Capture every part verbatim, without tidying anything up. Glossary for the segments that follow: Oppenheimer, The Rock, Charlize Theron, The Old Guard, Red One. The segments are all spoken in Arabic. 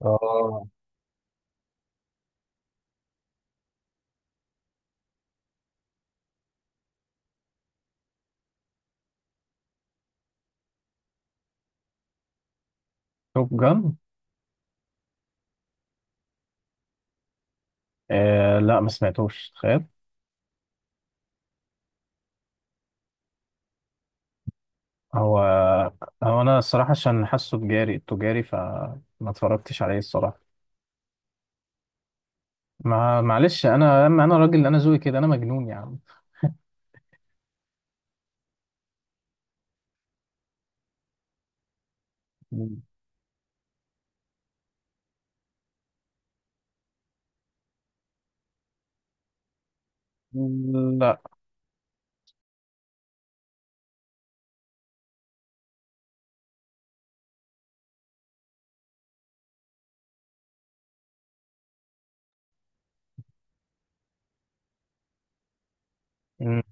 اه. توب جان؟ آه لا، ما سمعتوش، تخيل. هو هو انا الصراحه عشان حاسه تجاري تجاري فما اتفرجتش عليه الصراحه. ما معلش انا، اما انا راجل، انا ذوقي كده، انا مجنون يا عم. لا. مم.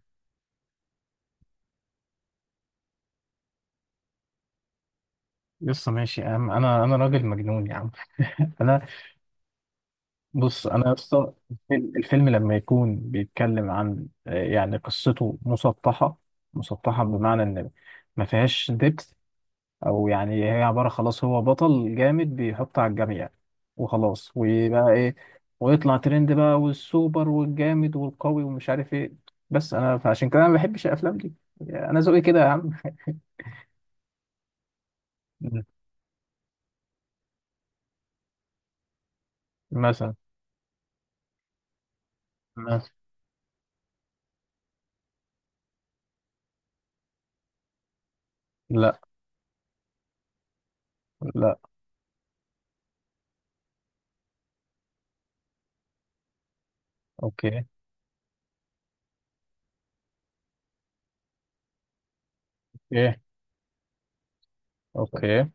يسطا ماشي يا عم، انا انا راجل مجنون يا عم. انا. بص انا يسطا، الفيلم الفيلم لما يكون بيتكلم عن آه، يعني قصته مسطحه، مسطحه بمعنى ان ما فيهاش ديبث. او يعني هي عباره، خلاص هو بطل جامد بيحط على الجميع وخلاص. ويبقى ايه؟ ويطلع ترند بقى، والسوبر والجامد والقوي ومش عارف ايه. بس انا فعشان كده انا ما بحبش الافلام دي، انا ذوقي كده يا عم. مم. مثلا. مثلا. لا لا. اوكي. ايه. اوكي.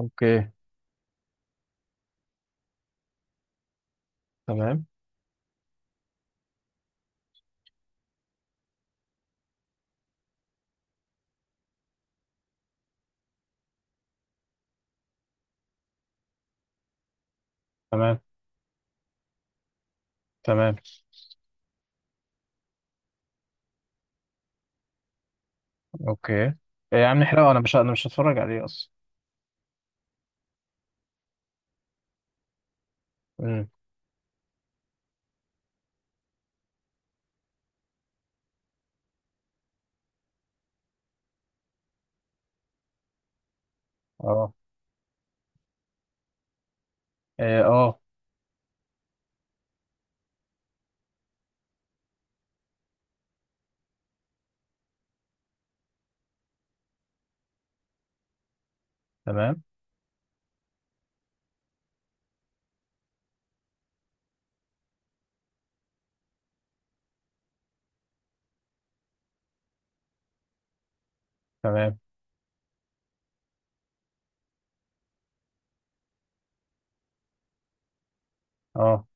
اوكي. تمام. تمام. تمام. اوكي. إيه يا عم نحرقه، انا مش، انا مش هتفرج عليه اصلا. مم. اه. إيه، اه. تمام. تمام. اه.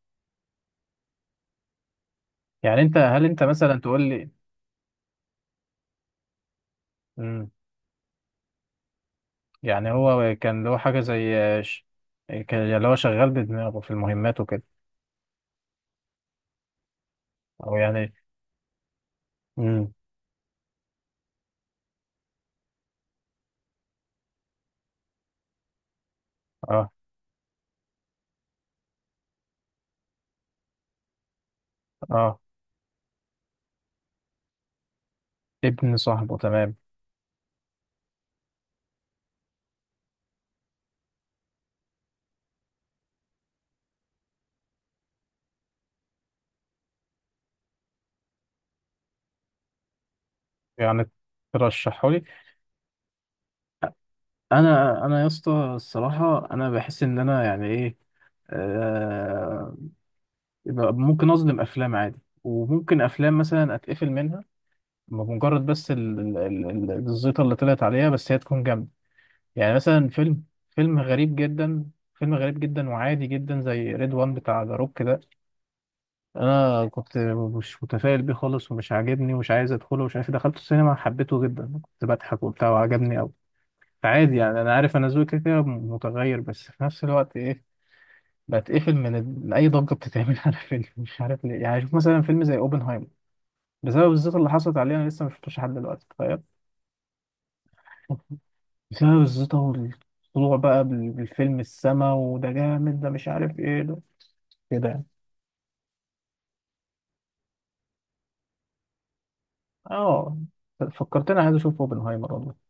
يعني انت، هل انت مثلا تقول لي يعني هو كان له حاجة زي ش- كان اللي هو شغال بدماغه في المهمات وكده. أو يعني مم. اه. اه. ابن صاحبه، تمام. يعني ترشحه لي؟ أنا أنا يا اسطى الصراحة، أنا بحس إن أنا يعني إيه، آه، يبقى ممكن أظلم أفلام عادي، وممكن أفلام مثلا أتقفل منها بمجرد بس ال- ال- ال- ال- الزيطة اللي طلعت عليها، بس هي تكون جامدة. يعني مثلا فيلم، فيلم غريب جدا، فيلم غريب جدا وعادي جدا زي ريد وان بتاع ذا روك ده. انا كنت مش متفائل بيه خالص، ومش عاجبني، ومش عايز ادخله، ومش عارف إيه. دخلته السينما، حبيته جدا، كنت بضحك وبتاع، وعجبني قوي. فعادي يعني، انا عارف انا ذوقي كده كده متغير، بس في نفس الوقت ايه، بتقفل من ال- من اي ضجه بتتعمل على فيلم مش عارف ليه. يعني شوف مثلا فيلم زي اوبنهايمر، بسبب الزيطه اللي حصلت عليه انا لسه ما شفتوش لحد دلوقتي، تخيل. بسبب الزيطة والطلوع بقى بال- بالفيلم، السما وده جامد ده مش عارف ايه ده، كده يعني. اه، فكرتني، عايز اشوف اوبنهايمر والله.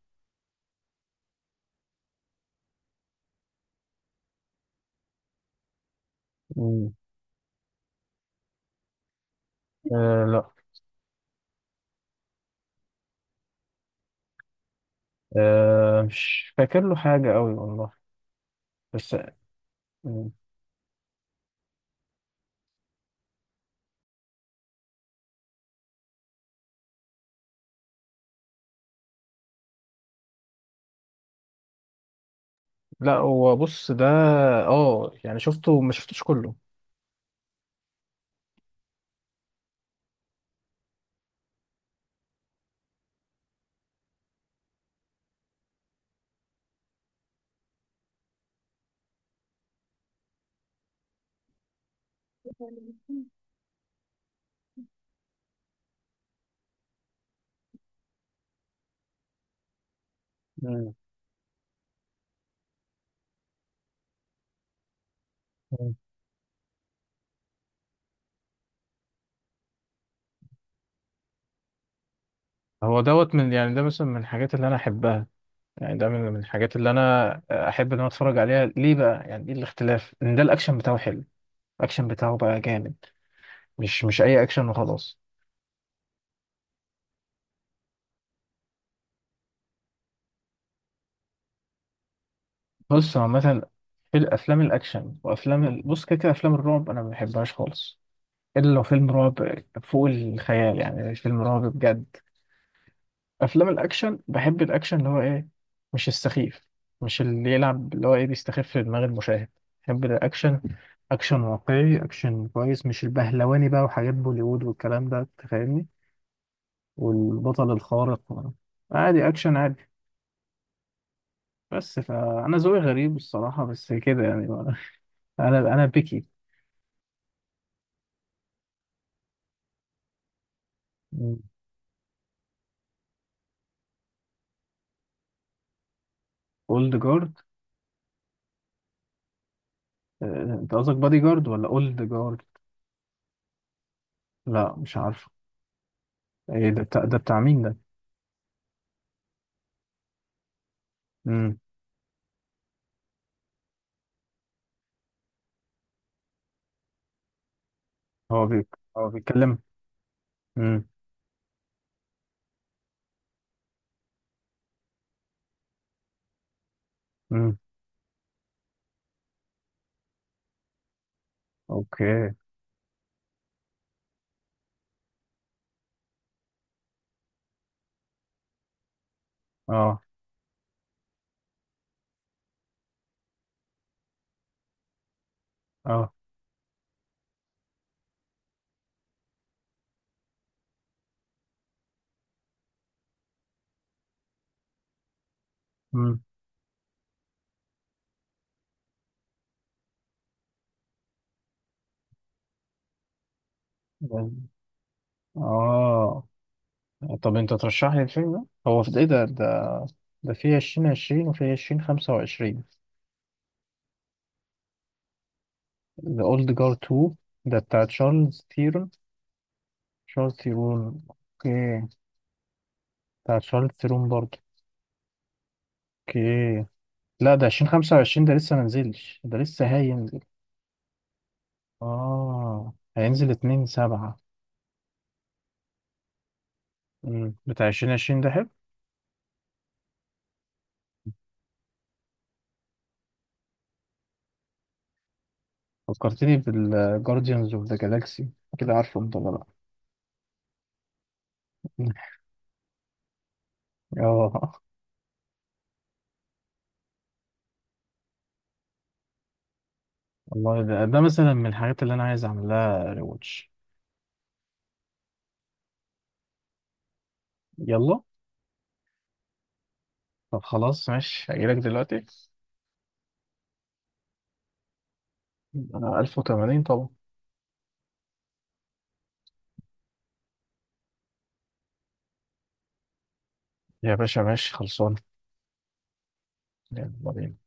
مم. آه لا. آه، مش فاكر له حاجة قوي والله. بس مم. لا، هو بص ده اه، يعني شفته ما شفتوش كله. مم. مم. هو دوت من، يعني ده مثلا من الحاجات اللي انا احبها، يعني ده من من الحاجات اللي انا احب ان انا اتفرج عليها. ليه بقى؟ يعني ايه الاختلاف؟ ان ده الاكشن بتاعه حلو، الاكشن بتاعه بقى جامد، مش مش اي اكشن وخلاص. بص هو عامه في الافلام الاكشن وافلام ال- بص كده كده افلام الرعب انا ما بحبهاش خالص، الا لو فيلم رعب فوق الخيال، يعني فيلم رعب بجد. افلام الاكشن بحب الاكشن اللي هو ايه، مش السخيف، مش اللي يلعب اللي هو ايه بيستخف في دماغ المشاهد. بحب الاكشن، اكشن واقعي، اكشن كويس، مش البهلواني بقى وحاجات بوليوود والكلام ده، أنت فاهمني، والبطل الخارق. عادي، اكشن عادي. بس فانا ذوقي غريب الصراحه، بس كده يعني. انا انا بيكي. اولد جارد؟ انت قصدك بادي جارد ولا اولد جارد؟ لا مش عارفه، ايه ده؟ بتاع ده، بتاع مين ده؟ امم. هو بي، هو بيتكلم. امم. امم. اوكي. اه. اه. امم. اه. طب انت ترشح لي الفيلم ده، هو في ايه؟ ده ده ده في ألفين وعشرين وفي ألفين وخمسة وعشرين؟ ذا اولد جارد اتنين، ده بتاع تشارلز تيرون. تشارلز تيرون، اوكي. بتاع شارلز تيرون برضه، اوكي. لا ده ألفين وخمسة وعشرين ده لسه ما نزلش، ده لسه هينزل. اه هينزل اتنين سبعة. امم، بتاع ألفين وعشرين ده حلو. فكرتني بالجارديانز اوف ذا جالاكسي، كده، عارفه انت ولا؟ لا. اه. والله ده، ده مثلا من الحاجات اللي انا عايز اعمل لها ريواتش. يلا. طب خلاص ماشي، هجيلك دلوقتي. انا ألف وثمانين طبعا. يا باشا ماشي، خلصان. يلا بينا.